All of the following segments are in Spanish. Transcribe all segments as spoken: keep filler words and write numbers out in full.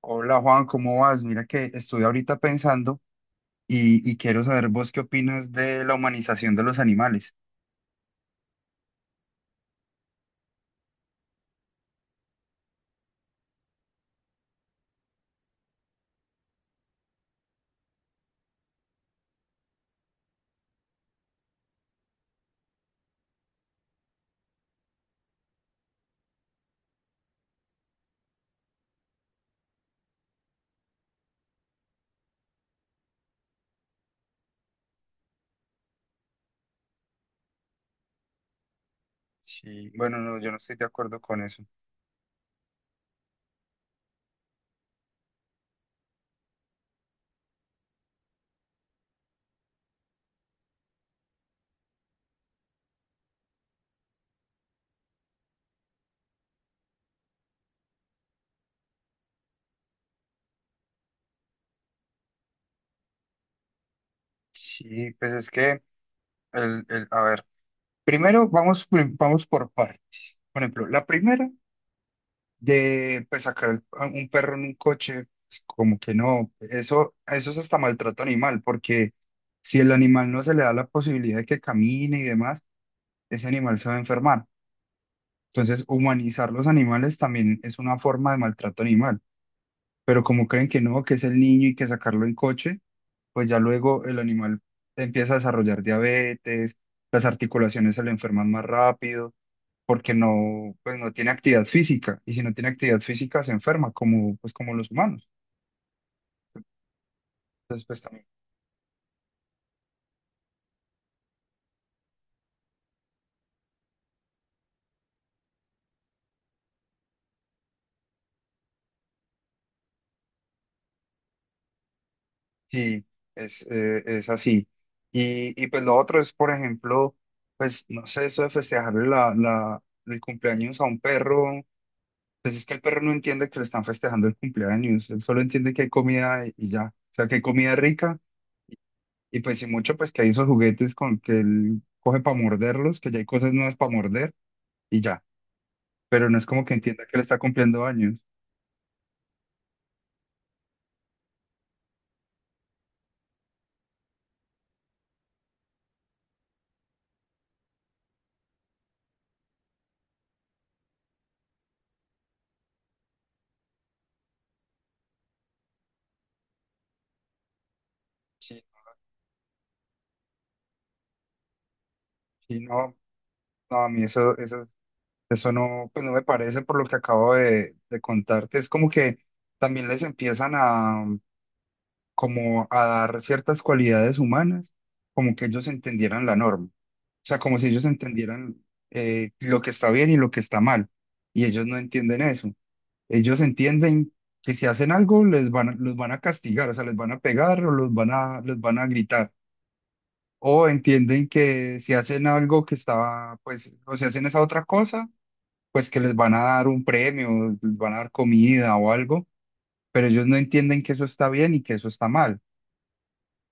Hola Juan, ¿cómo vas? Mira que estoy ahorita pensando y, y quiero saber vos qué opinas de la humanización de los animales. Sí, bueno, no, yo no estoy de acuerdo con eso. Sí, pues es que, el, el- a ver, primero vamos, prim- vamos por partes. Por ejemplo, la primera de pues, sacar a un perro en un coche, pues, como que no, eso, eso es hasta maltrato animal, porque si el animal no se le da la posibilidad de que camine y demás, ese animal se va a enfermar. Entonces, humanizar los animales también es una forma de maltrato animal, pero como creen que no, que es el niño y que sacarlo en coche, pues ya luego el animal empieza a desarrollar diabetes, las articulaciones se le enferman más rápido, porque no, pues no tiene actividad física, y si no tiene actividad física se enferma, como, pues como los humanos. Entonces, pues también, sí, es, eh, es así. Y, y pues lo otro es, por ejemplo, pues no sé, eso de festejarle la, la, el cumpleaños a un perro. Pues es que el perro no entiende que le están festejando el cumpleaños, él solo entiende que hay comida y ya, o sea, que hay comida rica y pues si mucho, pues que hay esos juguetes con que él coge para morderlos, que ya hay cosas nuevas para morder y ya, pero no es como que entienda que le está cumpliendo años. Sí, sí, no, no, a mí eso, eso, eso no, pues no me parece por lo que acabo de, de contarte, es como que también les empiezan a, como a dar ciertas cualidades humanas, como que ellos entendieran la norma. O sea, como si ellos entendieran eh, lo que está bien y lo que está mal. Y ellos no entienden eso. Ellos entienden que si hacen algo les van, a- los van a castigar, o sea, les van a pegar o los van a, los van a gritar. O entienden que si hacen algo que está, pues, o si hacen esa otra cosa, pues que les van a dar un premio, les van a dar comida o algo. Pero ellos no entienden que eso está bien y que eso está mal.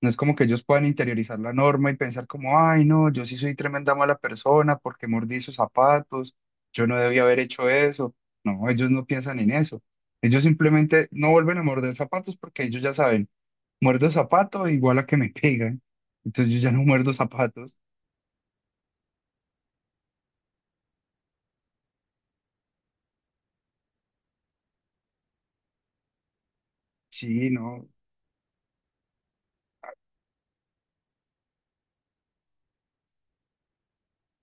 No es como que ellos puedan interiorizar la norma y pensar como, ay, no, yo sí soy tremenda mala persona porque mordí esos zapatos, yo no debía haber hecho eso. No, ellos no piensan en eso. Ellos simplemente no vuelven a morder zapatos porque ellos ya saben, muerdo zapato igual a que me pegan. Entonces yo ya no muerdo zapatos. Sí, no,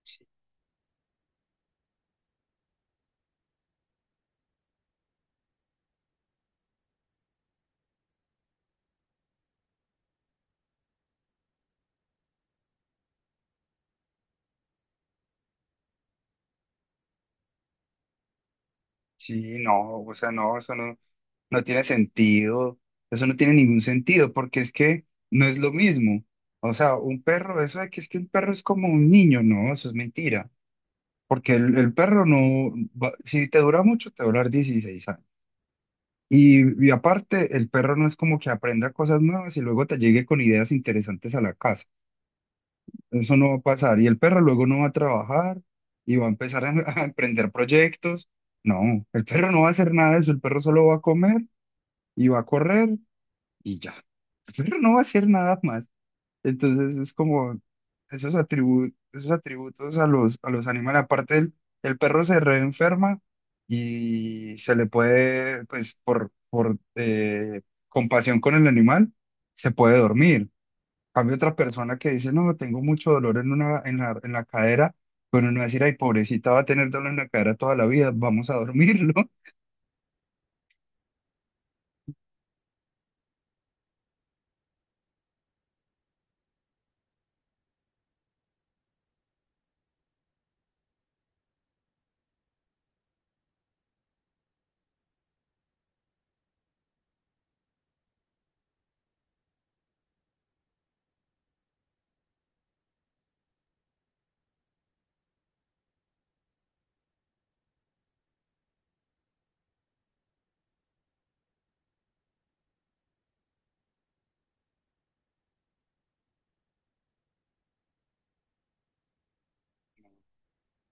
sí, sí, no, o sea, no, eso no. No tiene sentido, eso no tiene ningún sentido, porque es que no es lo mismo. O sea, un perro, eso de que es que un perro es como un niño, no, eso es mentira, porque el, el perro no, va- si te dura mucho, te va a durar dieciséis años. Y, y aparte, el perro no es como que aprenda cosas nuevas y luego te llegue con ideas interesantes a la casa. Eso no va a pasar. Y el perro luego no va a trabajar y va a empezar a, a emprender proyectos. No, el perro no va a hacer nada de eso. El perro solo va a comer y va a correr y ya. Pero no va a hacer nada más. Entonces es como esos atributos, esos atributos a los, a los animales. Aparte, el, el perro se reenferma y se le puede, pues por, por eh, compasión con el animal, se puede dormir. Cambio otra persona que dice, no, tengo mucho dolor en, una, en la, en la cadera, pero no va a decir, ay, pobrecita, va a tener dolor en la cadera toda la vida, vamos a dormirlo.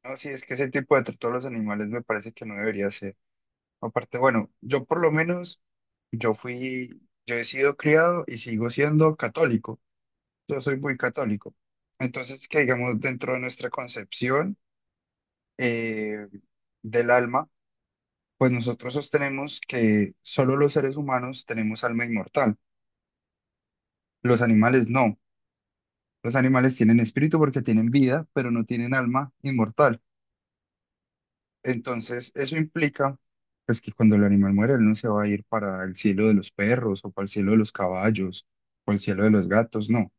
No, sí, es que ese tipo de trato a los animales me parece que no debería ser. Aparte, bueno, yo por lo menos, yo fui, yo he sido criado y sigo siendo católico. Yo soy muy católico. Entonces, que digamos, dentro de nuestra concepción eh, del alma, pues nosotros sostenemos que solo los seres humanos tenemos alma inmortal. Los animales no. Los animales tienen espíritu porque tienen vida, pero no tienen alma inmortal. Entonces, eso implica pues, que cuando el animal muere, él no se va a ir para el cielo de los perros o para el cielo de los caballos o el cielo de los gatos, no,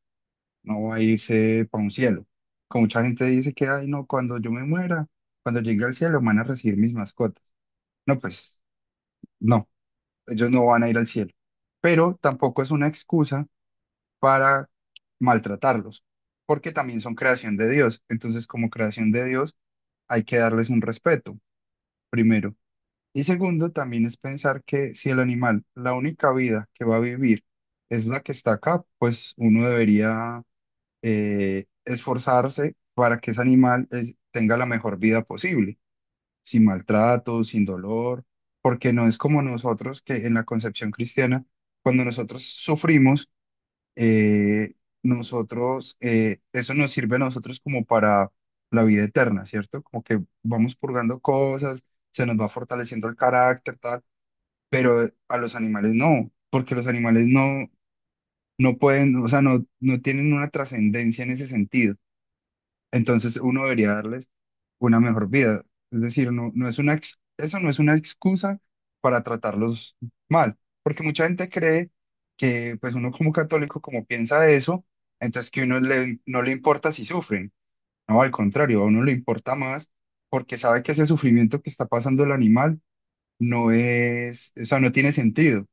no va a irse para un cielo. Como mucha gente dice que, ay, no, cuando yo me muera, cuando llegue al cielo van a recibir mis mascotas. No, pues no, ellos no van a ir al cielo. Pero tampoco es una excusa para maltratarlos, porque también son creación de Dios. Entonces, como creación de Dios, hay que darles un respeto primero. Y segundo, también es pensar que si el animal, la única vida que va a vivir es la que está acá, pues uno debería eh, esforzarse para que ese animal es- tenga la mejor vida posible, sin maltrato, sin dolor, porque no es como nosotros que en la concepción cristiana, cuando nosotros sufrimos, eh, nosotros, eh, eso nos sirve a nosotros como para la vida eterna, ¿cierto? Como que vamos purgando cosas, se nos va fortaleciendo el carácter, tal pero a los animales no, porque los animales no, no pueden, o sea, no, no tienen una trascendencia en ese sentido. Entonces uno debería darles una mejor vida. Es decir, no, no es una, ex- eso no es una excusa para tratarlos mal, porque mucha gente cree que pues uno como católico, como piensa eso, entonces que uno le, no le importa si sufren. No, al contrario, a uno le importa más porque sabe que ese sufrimiento que está pasando el animal no es, o sea, no tiene sentido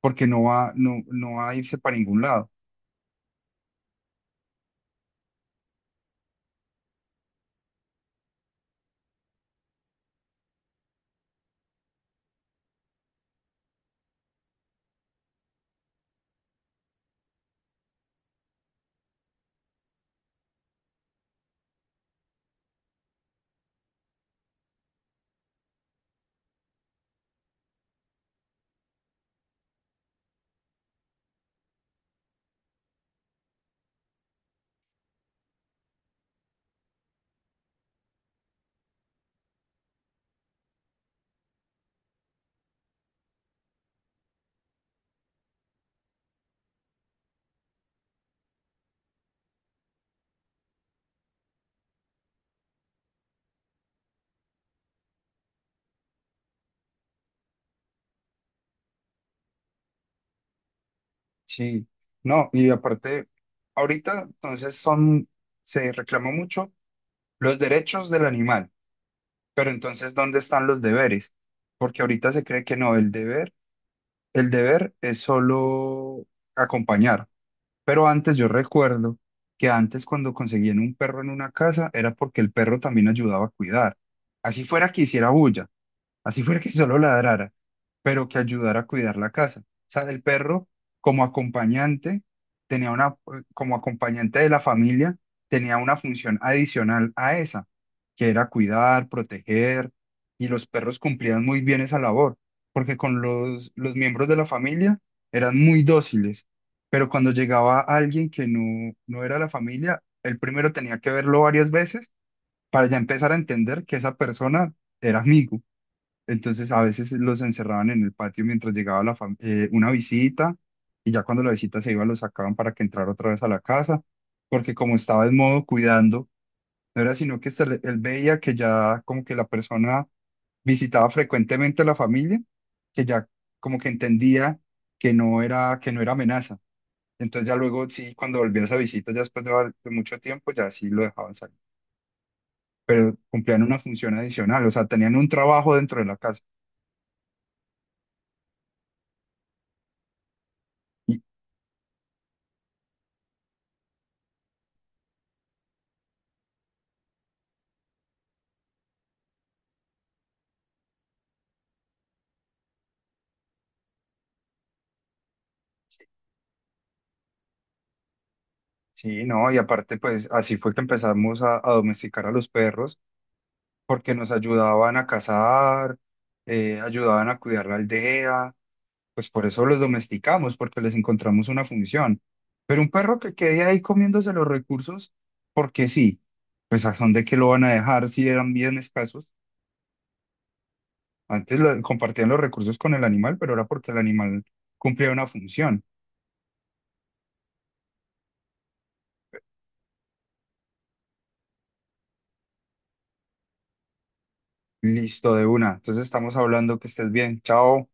porque no va, no, no va a irse para ningún lado. Sí, no, y aparte, ahorita entonces son, se reclama mucho los derechos del animal, pero entonces, ¿dónde están los deberes? Porque ahorita se cree que no, el deber, el deber es solo acompañar, pero antes yo recuerdo que antes cuando conseguían un perro en una casa era porque el perro también ayudaba a cuidar, así fuera que hiciera bulla, así fuera que solo ladrara, pero que ayudara a cuidar la casa. O sea, el perro como acompañante tenía una, como acompañante de la familia, tenía una función adicional a esa, que era cuidar, proteger, y los perros cumplían muy bien esa labor, porque con los, los miembros de la familia eran muy dóciles, pero cuando llegaba alguien que no, no era la familia, el primero tenía que verlo varias veces para ya empezar a entender que esa persona era amigo. Entonces a veces los encerraban en el patio mientras llegaba la fam- eh, una visita y ya cuando la visita se iba los sacaban para que entrara otra vez a la casa, porque como estaba en modo cuidando, no era sino que se le- él veía que ya como que la persona visitaba frecuentemente a la familia, que ya como que entendía que no era, que no era amenaza. Entonces ya luego sí, cuando volvía esa visita, ya después de, var- de mucho tiempo, ya sí lo dejaban salir, pero cumplían una función adicional, o sea, tenían un trabajo dentro de la casa. Sí, no, y aparte, pues así fue que empezamos a, a domesticar a los perros, porque nos ayudaban a cazar, eh, ayudaban a cuidar la aldea, pues por eso los domesticamos, porque les encontramos una función. Pero un perro que quede ahí comiéndose los recursos, porque sí, pues a dónde que lo van a dejar si eran bien escasos. Antes lo- compartían los recursos con el animal, pero era porque el animal cumplía una función. Listo, de una. Entonces estamos hablando que estés bien. Chao.